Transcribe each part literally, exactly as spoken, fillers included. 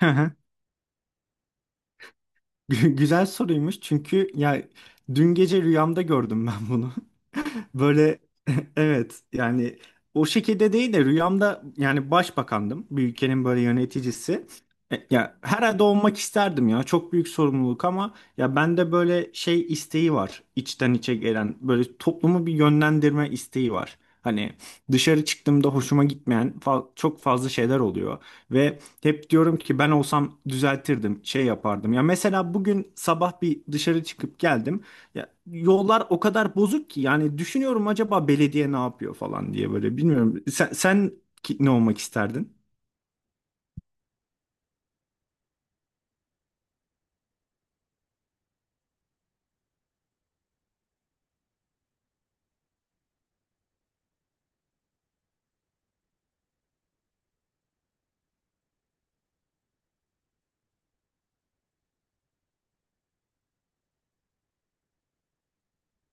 Hı hı. Gü- Güzel soruymuş çünkü ya dün gece rüyamda gördüm ben bunu. Böyle evet yani o şekilde değil de rüyamda yani başbakandım. Bir ülkenin böyle yöneticisi. E, Ya herhalde olmak isterdim ya. Çok büyük sorumluluk ama ya bende böyle şey isteği var. İçten içe gelen böyle toplumu bir yönlendirme isteği var. Hani dışarı çıktığımda hoşuma gitmeyen fa- çok fazla şeyler oluyor ve hep diyorum ki ben olsam düzeltirdim, şey yapardım. Ya mesela bugün sabah bir dışarı çıkıp geldim. Ya, yollar o kadar bozuk ki yani düşünüyorum acaba belediye ne yapıyor falan diye böyle bilmiyorum. Sen, sen ki- ne olmak isterdin?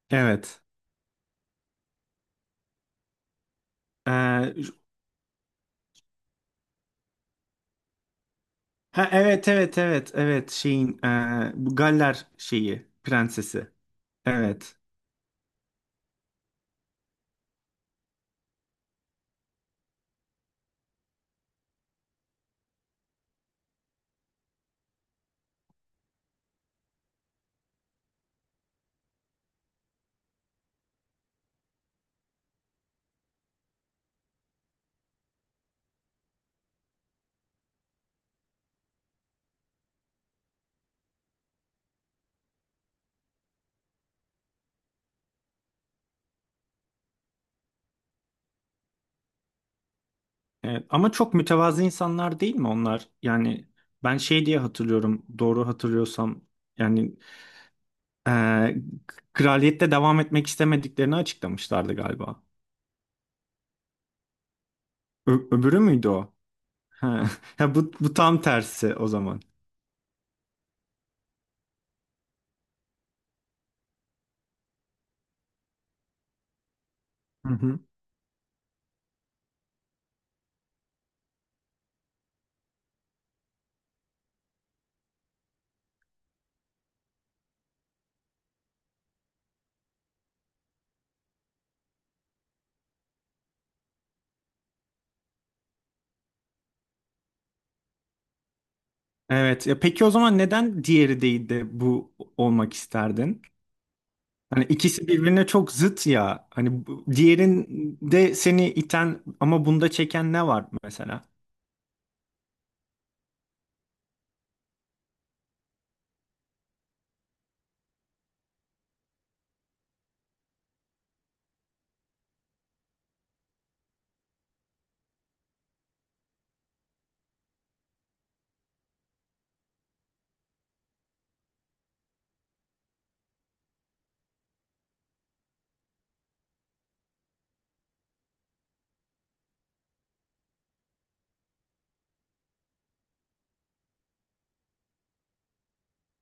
Evet. Ee, ha, evet evet evet evet şeyin ee, bu Galler şeyi prensesi. Evet. Evet. Ama çok mütevazı insanlar değil mi onlar? Yani ben şey diye hatırlıyorum doğru hatırlıyorsam yani ee, kraliyette devam etmek istemediklerini açıklamışlardı galiba. Ö- öbürü müydü o? Ha. Ha, bu, bu tam tersi o zaman. Hı hı. Evet. Ya peki o zaman neden diğeri değil de bu olmak isterdin? Hani ikisi birbirine çok zıt ya. Hani bu- diğerinde seni iten ama bunda çeken ne var mesela?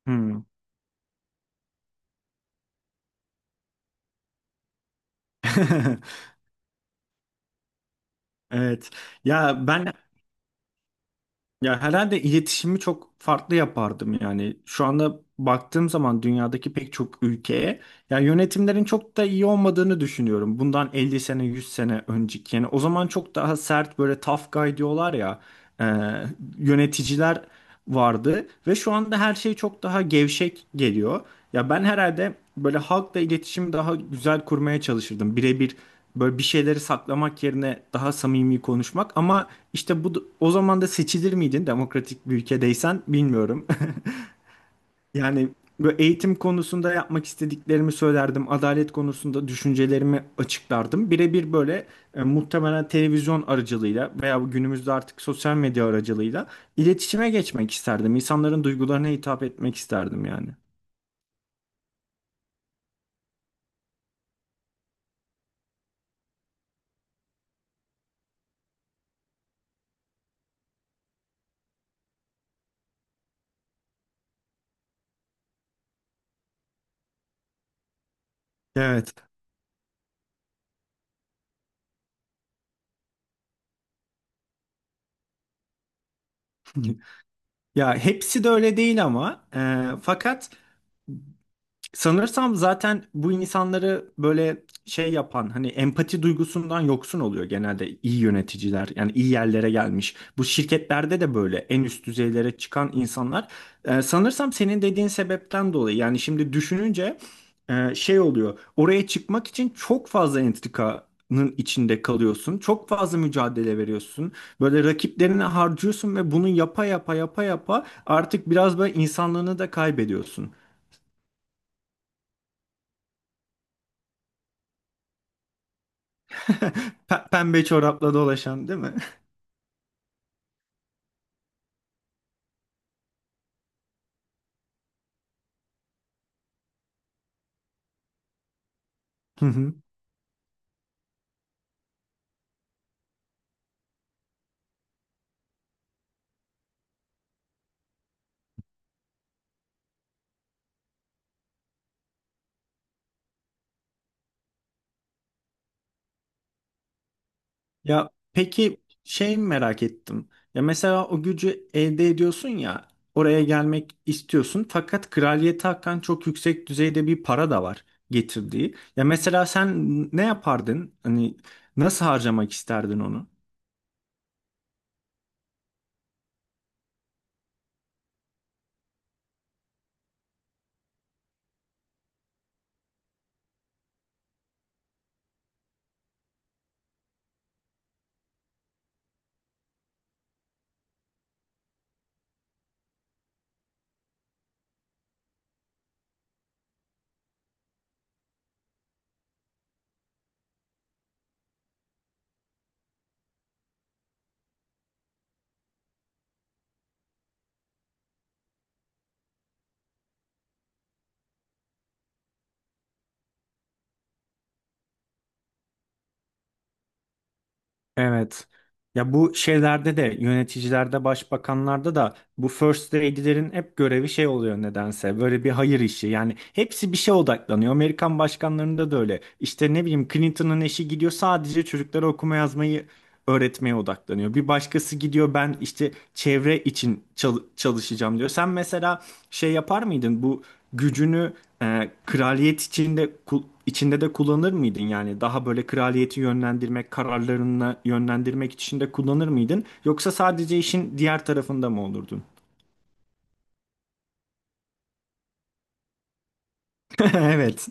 Hmm. Evet. Ya ben ya herhalde iletişimi çok farklı yapardım yani. Şu anda baktığım zaman dünyadaki pek çok ülkeye ya yönetimlerin çok da iyi olmadığını düşünüyorum. Bundan elli sene yüz sene önceki yani o zaman çok daha sert böyle tough guy diyorlar ya, e, yöneticiler vardı ve şu anda her şey çok daha gevşek geliyor. Ya ben herhalde böyle halkla iletişimi daha güzel kurmaya çalışırdım. Birebir böyle bir şeyleri saklamak yerine daha samimi konuşmak ama işte bu o zaman da seçilir miydin demokratik bir ülkedeysen bilmiyorum. Yani böyle eğitim konusunda yapmak istediklerimi söylerdim. Adalet konusunda düşüncelerimi açıklardım. Birebir böyle e, muhtemelen televizyon aracılığıyla veya bu günümüzde artık sosyal medya aracılığıyla iletişime geçmek isterdim. İnsanların duygularına hitap etmek isterdim yani. Evet. Ya hepsi de öyle değil ama e, fakat sanırsam zaten bu insanları böyle şey yapan hani empati duygusundan yoksun oluyor genelde iyi yöneticiler yani iyi yerlere gelmiş. Bu şirketlerde de böyle en üst düzeylere çıkan insanlar e, sanırsam senin dediğin sebepten dolayı yani şimdi düşününce e, şey oluyor oraya çıkmak için çok fazla entrikanın içinde kalıyorsun. Çok fazla mücadele veriyorsun. Böyle rakiplerine harcıyorsun ve bunu yapa yapa yapa yapa artık biraz böyle insanlığını da kaybediyorsun. Pe- Pembe çorapla dolaşan değil mi? Hı hı. Ya peki şey merak ettim. Ya mesela o gücü elde ediyorsun ya oraya gelmek istiyorsun fakat kraliyete hakan çok yüksek düzeyde bir para da var getirdiği. Ya mesela sen ne yapardın? Hani nasıl harcamak isterdin onu? Evet. Ya bu şeylerde de yöneticilerde, başbakanlarda da bu first lady'lerin hep görevi şey oluyor nedense. Böyle bir hayır işi. Yani hepsi bir şeye odaklanıyor. Amerikan başkanlarında da öyle. İşte ne bileyim Clinton'ın eşi gidiyor sadece çocuklara okuma yazmayı öğretmeye odaklanıyor. Bir başkası gidiyor ben işte çevre için çal- çalışacağım diyor. Sen mesela şey yapar mıydın bu gücünü ee, kraliyet içinde ku- içinde de kullanır mıydın yani daha böyle kraliyeti yönlendirmek, kararlarını yönlendirmek için de kullanır mıydın yoksa sadece işin diğer tarafında mı olurdun? Evet.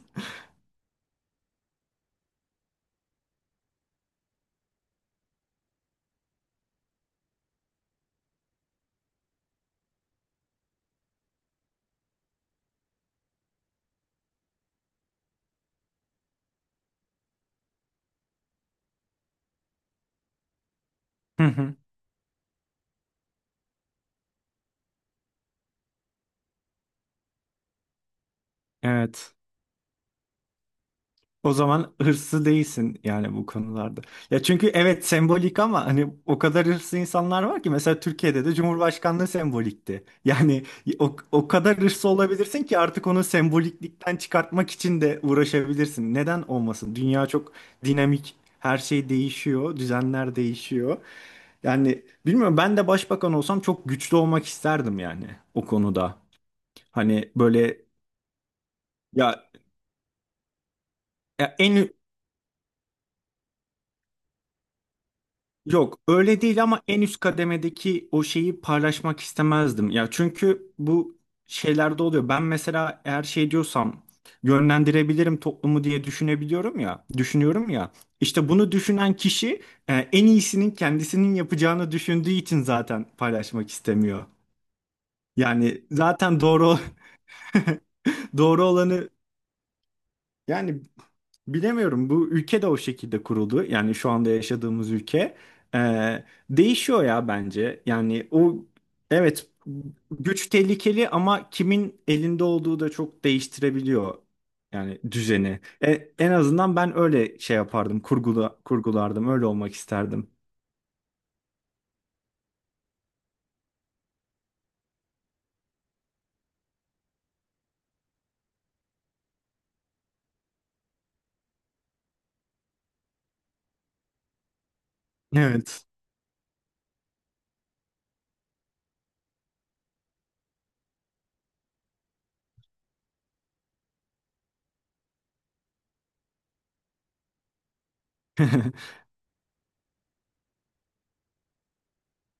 Hı hı. Evet. O zaman hırslı değilsin yani bu konularda. Ya çünkü evet sembolik ama hani o kadar hırslı insanlar var ki mesela Türkiye'de de Cumhurbaşkanlığı sembolikti. Yani o, o kadar hırslı olabilirsin ki artık onu semboliklikten çıkartmak için de uğraşabilirsin. Neden olmasın? Dünya çok dinamik. Her şey değişiyor, düzenler değişiyor. Yani bilmiyorum ben de başbakan olsam çok güçlü olmak isterdim yani o konuda. Hani böyle ya, ya en yok öyle değil ama en üst kademedeki o şeyi paylaşmak istemezdim. Ya çünkü bu şeylerde oluyor. Ben mesela eğer şey diyorsam yönlendirebilirim toplumu diye düşünebiliyorum ya, düşünüyorum ya. İşte bunu düşünen kişi e, en iyisinin kendisinin yapacağını düşündüğü için zaten paylaşmak istemiyor. Yani zaten doğru doğru olanı yani bilemiyorum bu ülke de o şekilde kuruldu. Yani şu anda yaşadığımız ülke Ee, değişiyor ya bence. Yani o evet güç tehlikeli ama kimin elinde olduğu da çok değiştirebiliyor yani düzeni. E, en azından ben öyle şey yapardım, kurgula, kurgulardım, öyle olmak isterdim. Evet.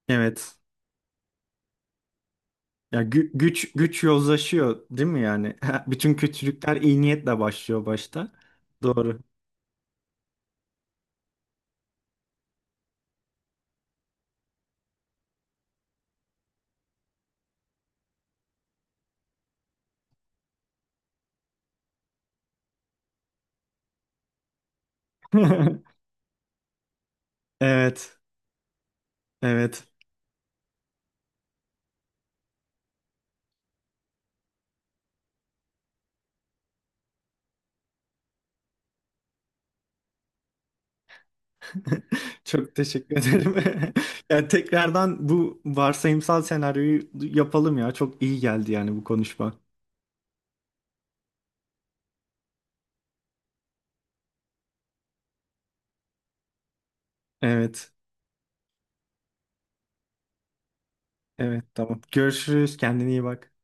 Evet. Ya gü- güç güç yozlaşıyor değil mi yani? Bütün kötülükler iyi niyetle başlıyor başta. Doğru. Evet. Evet. Çok teşekkür ederim. Yani tekrardan bu varsayımsal senaryoyu yapalım ya. Çok iyi geldi yani bu konuşma. Evet. Evet tamam. Görüşürüz. Kendine iyi bak.